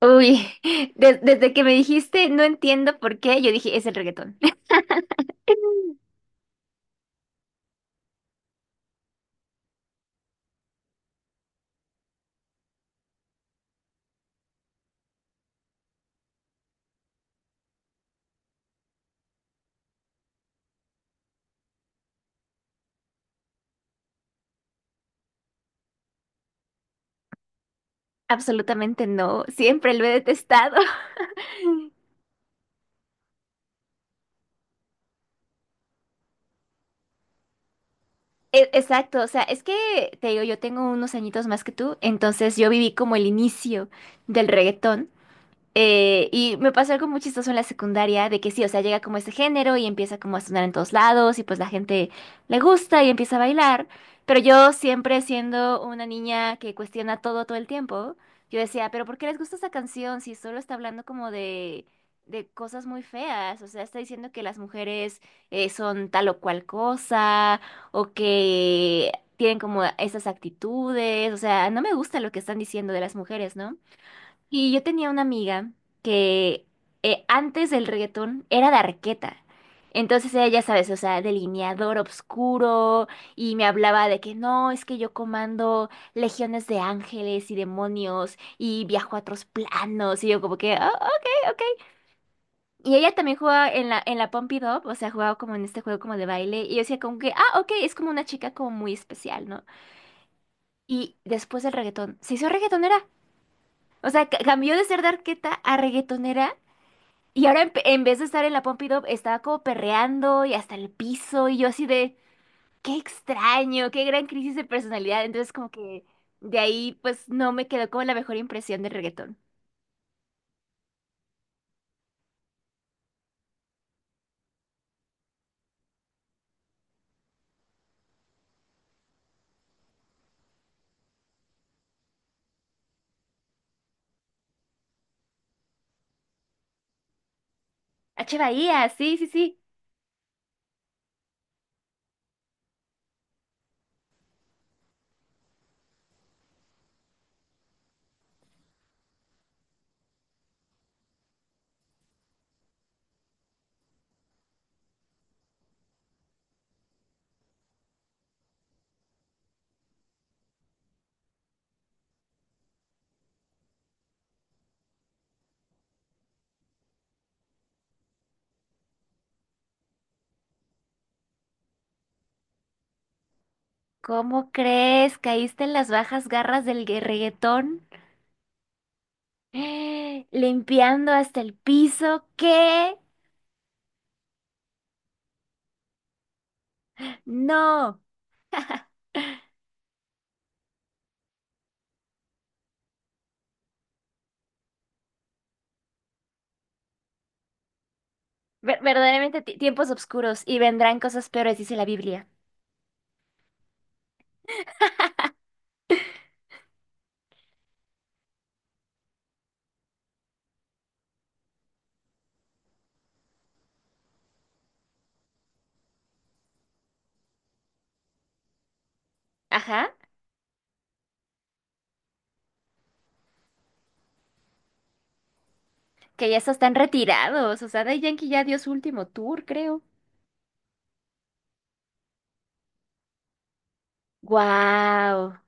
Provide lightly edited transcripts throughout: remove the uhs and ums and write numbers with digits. Uy, desde que me dijiste no entiendo por qué, yo dije es el reggaetón. Absolutamente no, siempre lo he detestado. Exacto, o sea, es que te digo, yo tengo unos añitos más que tú, entonces yo viví como el inicio del reggaetón. Y me pasó algo muy chistoso en la secundaria, de que sí, o sea, llega como este género y empieza como a sonar en todos lados y pues la gente le gusta y empieza a bailar, pero yo siempre siendo una niña que cuestiona todo todo el tiempo, yo decía, pero ¿por qué les gusta esa canción si solo está hablando como de, cosas muy feas? O sea, está diciendo que las mujeres son tal o cual cosa o que tienen como esas actitudes, o sea, no me gusta lo que están diciendo de las mujeres, ¿no? Y yo tenía una amiga que antes del reggaetón era de Arqueta. Entonces ella, ya sabes, o sea, delineador oscuro y me hablaba de que no, es que yo comando legiones de ángeles y demonios y viajo a otros planos y yo como que, "Ah, ok, ok". Y ella también jugaba en la, Pump It Up, o sea, jugaba como en este juego como de baile y yo decía como que, ah, ok, es como una chica como muy especial, ¿no? Y después del reggaetón, se hizo reggaetonera. O sea, cambió de ser de Arqueta a reggaetonera. Y ahora en vez de estar en la Pompidou, estaba como perreando y hasta el piso y yo así de, qué extraño, qué gran crisis de personalidad. Entonces como que de ahí pues no me quedó como la mejor impresión del reggaetón. H. Bahía, sí, sí, sí. ¿Cómo crees? ¿Caíste en las bajas garras del reggaetón? Limpiando hasta el piso. ¿Qué? No. Verdaderamente tiempos oscuros y vendrán cosas peores, dice la Biblia. Ajá. Que ya hasta están retirados. O sea, Daddy Yankee ya dio su último tour, creo. Wow.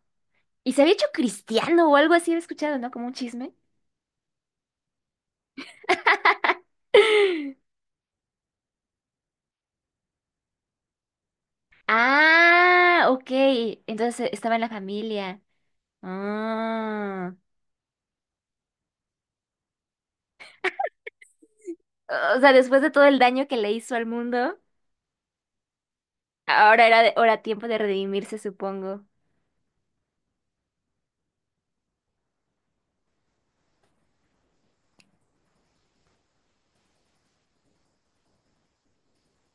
Y se había hecho cristiano o algo así, he escuchado, ¿no? Como un chisme. Ah, ok. Entonces estaba en la familia. Ah. O sea, después de todo el daño que le hizo al mundo, ahora era, ahora tiempo de redimirse, supongo.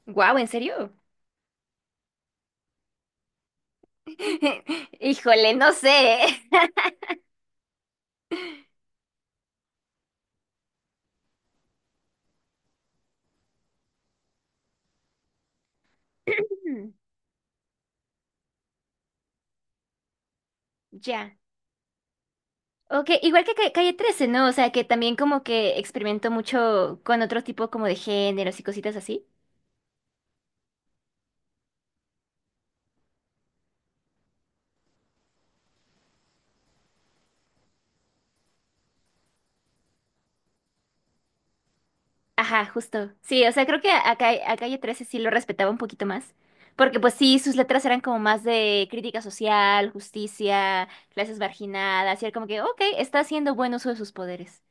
Wow, ¿en serio? Híjole, no sé. Hmm. Ya. Ok, igual que Calle trece, ¿no? O sea, que también como que experimentó mucho con otro tipo como de géneros y cositas así. Ajá, justo. Sí, o sea, creo que a, a Calle 13 sí lo respetaba un poquito más. Porque pues sí, sus letras eran como más de crítica social, justicia, clases marginadas, y era como que, ok, está haciendo buen uso de sus poderes.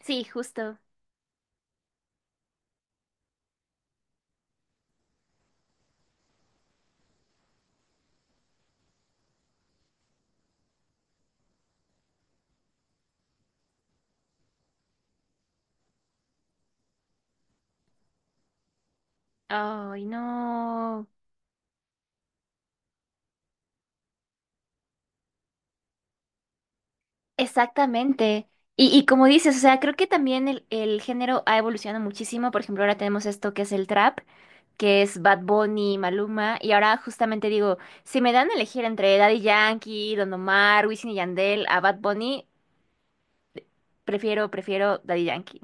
Sí, justo. Ay, no. Exactamente. Y como dices, o sea, creo que también el género ha evolucionado muchísimo. Por ejemplo, ahora tenemos esto que es el trap. Que es Bad Bunny, Maluma, y ahora justamente digo, si me dan a elegir entre Daddy Yankee, Don Omar, Wisin y Yandel a Bad Bunny, prefiero Daddy Yankee.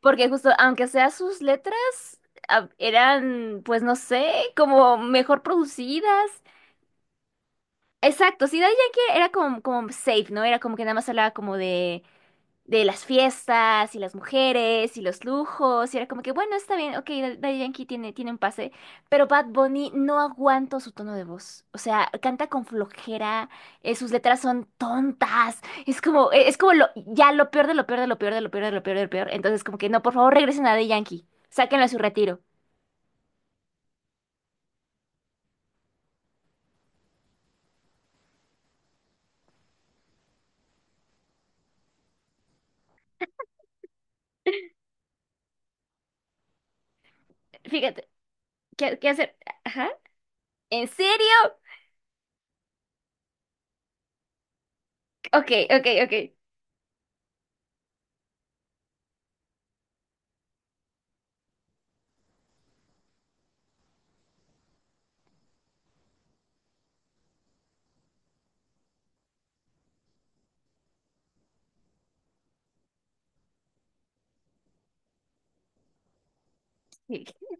Porque justo, aunque sea sus letras, ah, eran, pues no sé, como mejor producidas. Exacto, sí, Daddy Yankee era como, safe, ¿no? Era como que nada más hablaba como de las fiestas y las mujeres y los lujos. Y era como que, bueno, está bien, ok, Daddy Yankee tiene un pase, pero Bad Bunny no aguanto su tono de voz. O sea, canta con flojera, sus letras son tontas. Es como lo, ya lo peor de lo peor de lo peor de lo peor de lo peor de lo peor. Entonces, como que no, por favor, regresen a Daddy Yankee. Sáquenlo a su retiro. Fíjate, ¿qué hacer? Ajá. ¿En serio? Ok, ok, ok.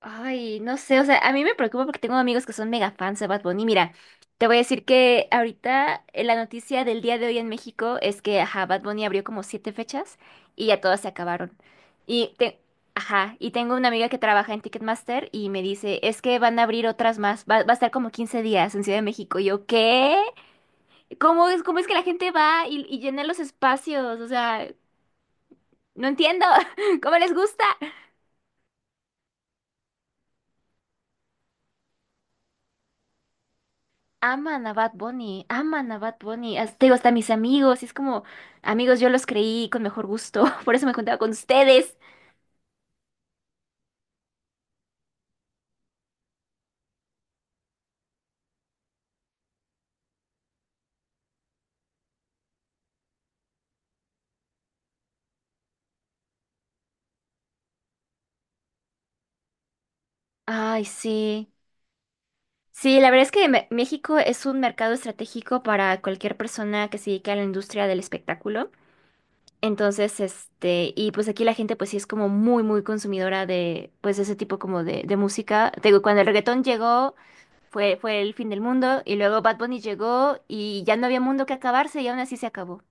Ay, no sé, o sea, a mí me preocupa porque tengo amigos que son mega fans de Bad Bunny. Mira, te voy a decir que ahorita la noticia del día de hoy en México es que, ajá, Bad Bunny abrió como siete fechas y ya todas se acabaron. Y, ajá, y tengo una amiga que trabaja en Ticketmaster y me dice, es que van a abrir otras más, va, a estar como 15 días en Ciudad de México. Y yo, ¿qué? cómo es que la gente va y llena los espacios? O sea, no entiendo, ¿cómo les gusta? Aman a Bad Bunny, aman a Bad Bunny. Te digo, hasta mis amigos, y es como, amigos, yo los creí con mejor gusto, por eso me contaba con ustedes. Ay, sí. Sí, la verdad es que México es un mercado estratégico para cualquier persona que se dedique a la industria del espectáculo. Entonces, este, y pues aquí la gente pues sí es como muy, muy consumidora de pues ese tipo como de, música. Te digo, cuando el reggaetón llegó, fue el fin del mundo, y luego Bad Bunny llegó y ya no había mundo que acabarse y aún así se acabó.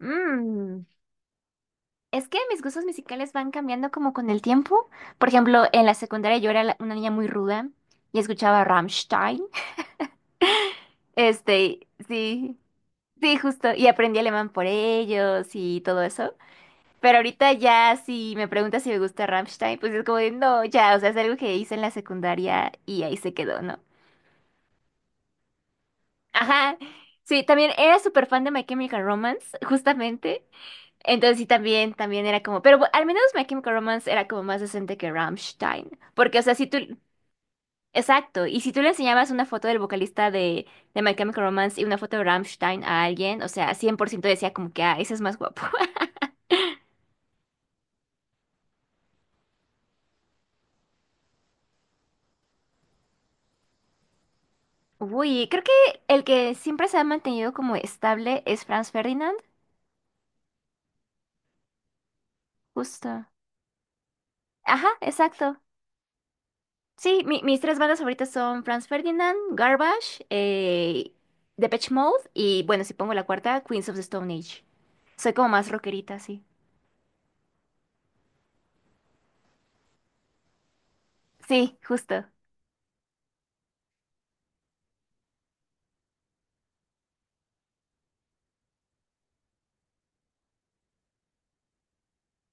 Mm. Es que mis gustos musicales van cambiando como con el tiempo. Por ejemplo, en la secundaria yo era una niña muy ruda y escuchaba Rammstein. Este, sí, sí, justo. Y aprendí alemán por ellos y todo eso. Pero ahorita ya si me preguntas si me gusta Rammstein, pues es como de, no, ya, o sea, es algo que hice en la secundaria y ahí se quedó, ¿no? Ajá. Sí, también era súper fan de My Chemical Romance, justamente. Entonces sí, también, era como, pero al menos My Chemical Romance era como más decente que Rammstein, porque o sea, si tú, exacto, y si tú le enseñabas una foto del vocalista de My Chemical Romance y una foto de Rammstein a alguien, o sea, 100% decía como que, ah, ese es más guapo. Uy, creo que el que siempre se ha mantenido como estable es Franz Ferdinand, justo. Ajá, exacto. Sí, mis tres bandas favoritas son Franz Ferdinand, Garbage, Depeche Mode y bueno, si pongo la cuarta, Queens of the Stone Age. Soy como más rockerita, sí. Sí, justo.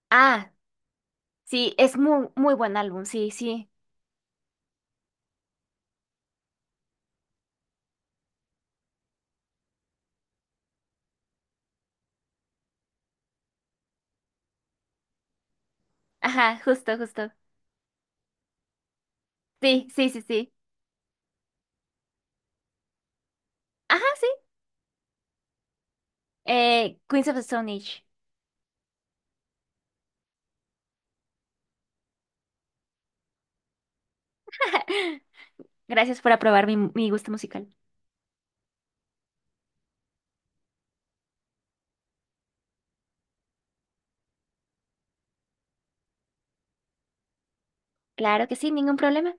Ah, sí, es muy, muy buen álbum, sí, sí. Ajá, justo, justo. Sí, sí, sí, sí. Ajá, sí. Queens of the Stone Age. Gracias por aprobar mi, gusto musical. Claro que sí, ningún problema.